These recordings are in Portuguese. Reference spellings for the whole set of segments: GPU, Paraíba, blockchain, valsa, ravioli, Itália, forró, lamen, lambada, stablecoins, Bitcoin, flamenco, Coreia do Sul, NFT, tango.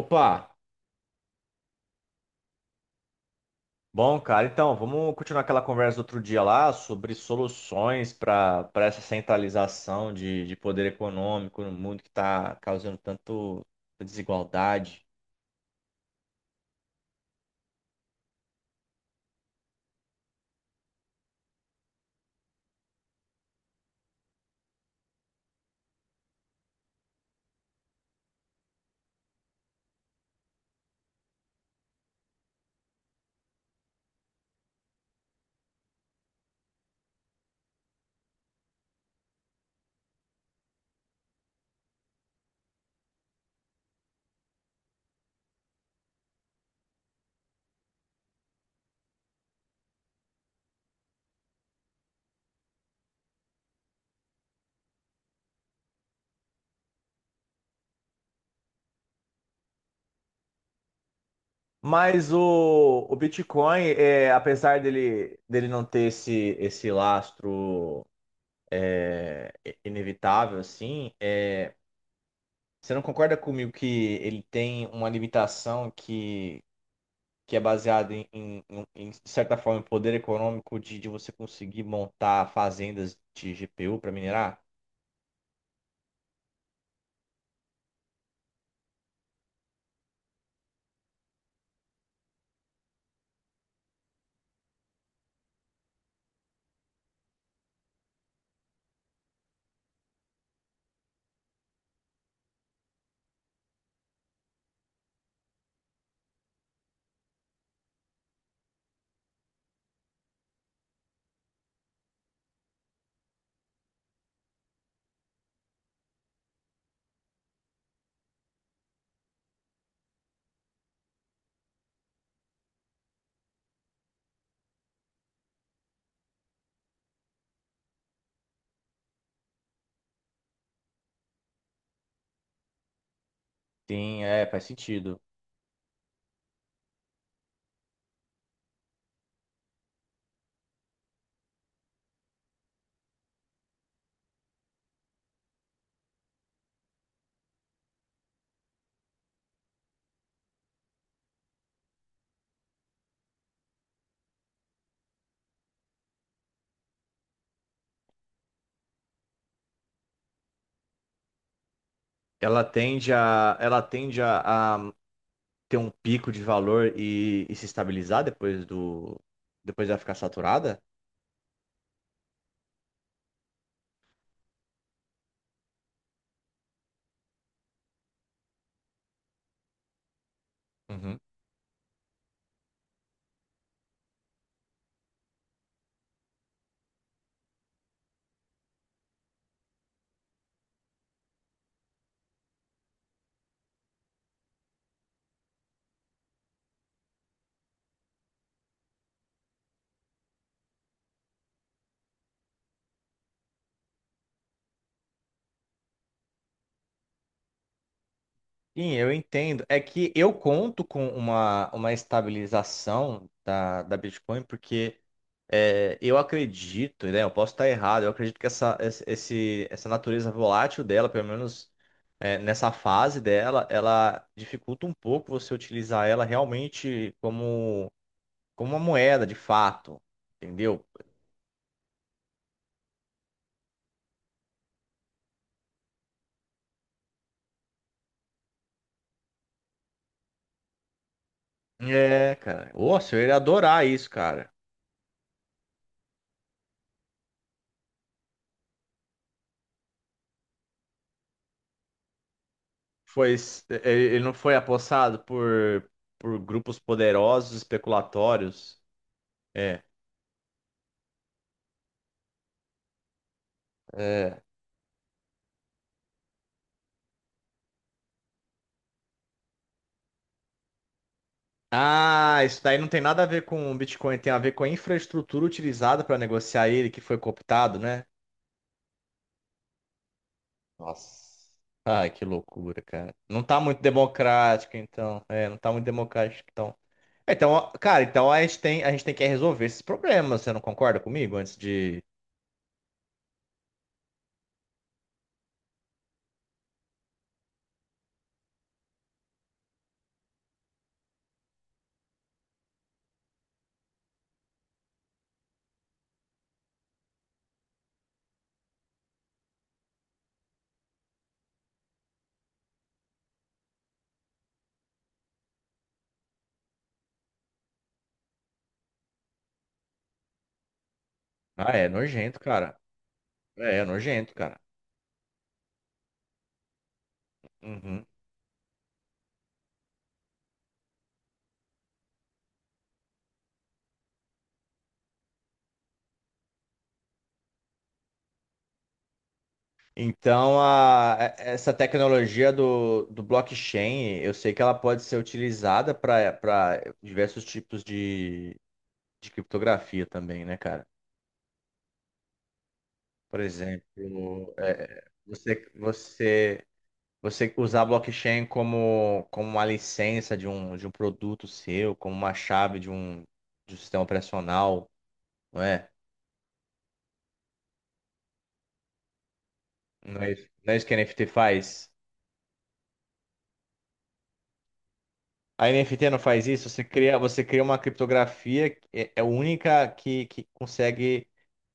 Opa, bom, cara, então vamos continuar aquela conversa do outro dia lá sobre soluções para essa centralização de poder econômico no mundo que está causando tanto desigualdade. Mas o Bitcoin, apesar dele não ter esse lastro é, inevitável, assim, você não concorda comigo que ele tem uma limitação que é baseado em, de certa forma, em poder econômico de você conseguir montar fazendas de GPU para minerar? Sim, é, faz sentido. Ela tende a ter um pico de valor e se estabilizar depois ela ficar saturada? Uhum. Sim, eu entendo. É que eu conto com uma estabilização da Bitcoin, porque é, eu acredito, né? Eu posso estar errado, eu acredito que essa natureza volátil dela, pelo menos nessa fase dela, ela dificulta um pouco você utilizar ela realmente como uma moeda, de fato. Entendeu? É, cara. Nossa, eu iria adorar isso, cara. Foi, s- Ele não foi apossado por grupos poderosos, especulatórios. É. É. Ah, isso daí não tem nada a ver com o Bitcoin, tem a ver com a infraestrutura utilizada para negociar ele que foi cooptado, né? Nossa. Ai, que loucura, cara. Não tá muito democrático, então. É, não tá muito democrático, então. É, então, ó, cara, então a gente tem que resolver esses problemas, você não concorda comigo? Antes de. Ah, é nojento, cara. É, é nojento, cara. Uhum. Então, essa tecnologia do blockchain, eu sei que ela pode ser utilizada para diversos tipos de criptografia também, né, cara? Por exemplo, você você usar blockchain como uma licença de um produto seu, como uma chave de um sistema operacional, não é? Não é isso que a NFT faz? A NFT não faz isso? Você cria uma criptografia que é única que consegue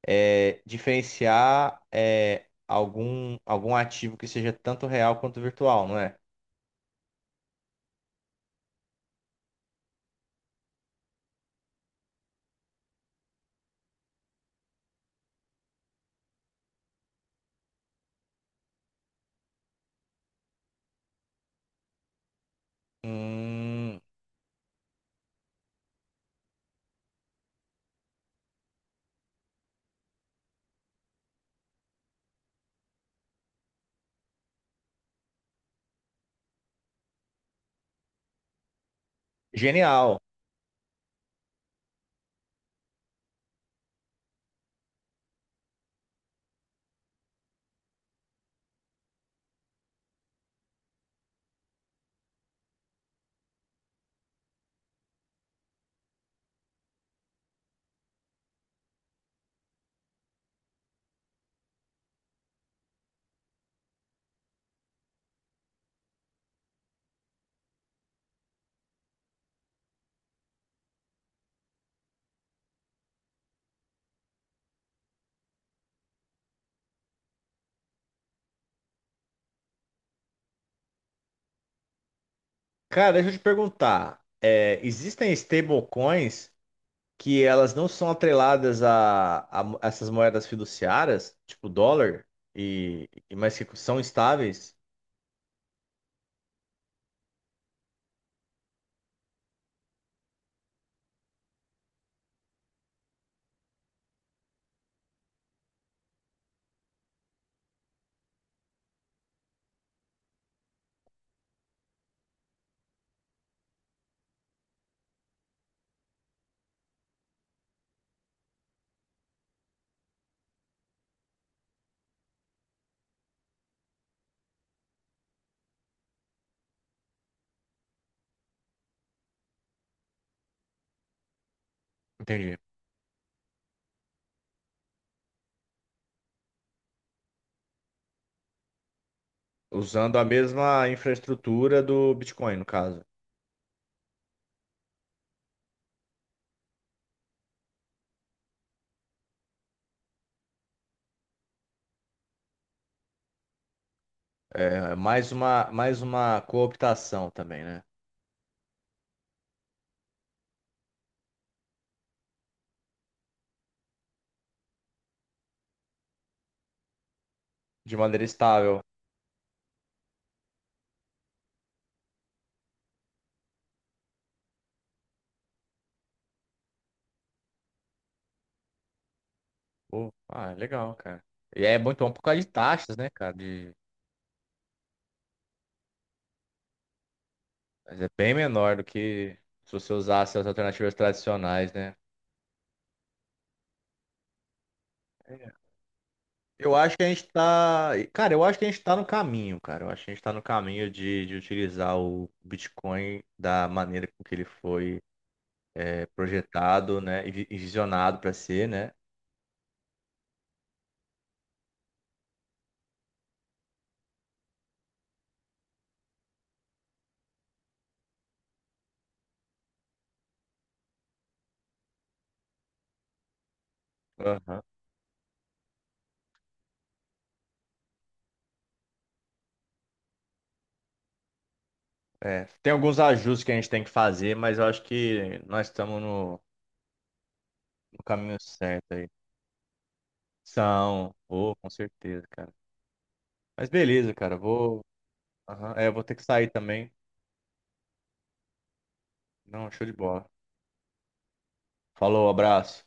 diferenciar algum ativo que seja tanto real quanto virtual, não é? Hum, Genial. Cara, deixa eu te perguntar. Existem stablecoins que elas não são atreladas a essas moedas fiduciárias, tipo dólar, mas que são estáveis? Entendi. Usando a mesma infraestrutura do Bitcoin, no caso. É, mais uma cooptação também, né? De maneira estável. Pô, ah, é legal, cara. E é muito bom por causa de taxas, né, cara? De, mas é bem menor do que se você usasse as alternativas tradicionais, né? Eu acho que a gente tá. Cara, eu acho que a gente tá no caminho, cara. Eu acho que a gente tá no caminho de utilizar o Bitcoin da maneira com que ele foi projetado, né? E visionado para ser, né? Aham. É, tem alguns ajustes que a gente tem que fazer, mas eu acho que nós estamos no, no caminho certo aí. São, oh, com certeza, cara. Mas beleza, cara. Vou. Aham. É, eu vou ter que sair também. Não, show de bola. Falou, abraço.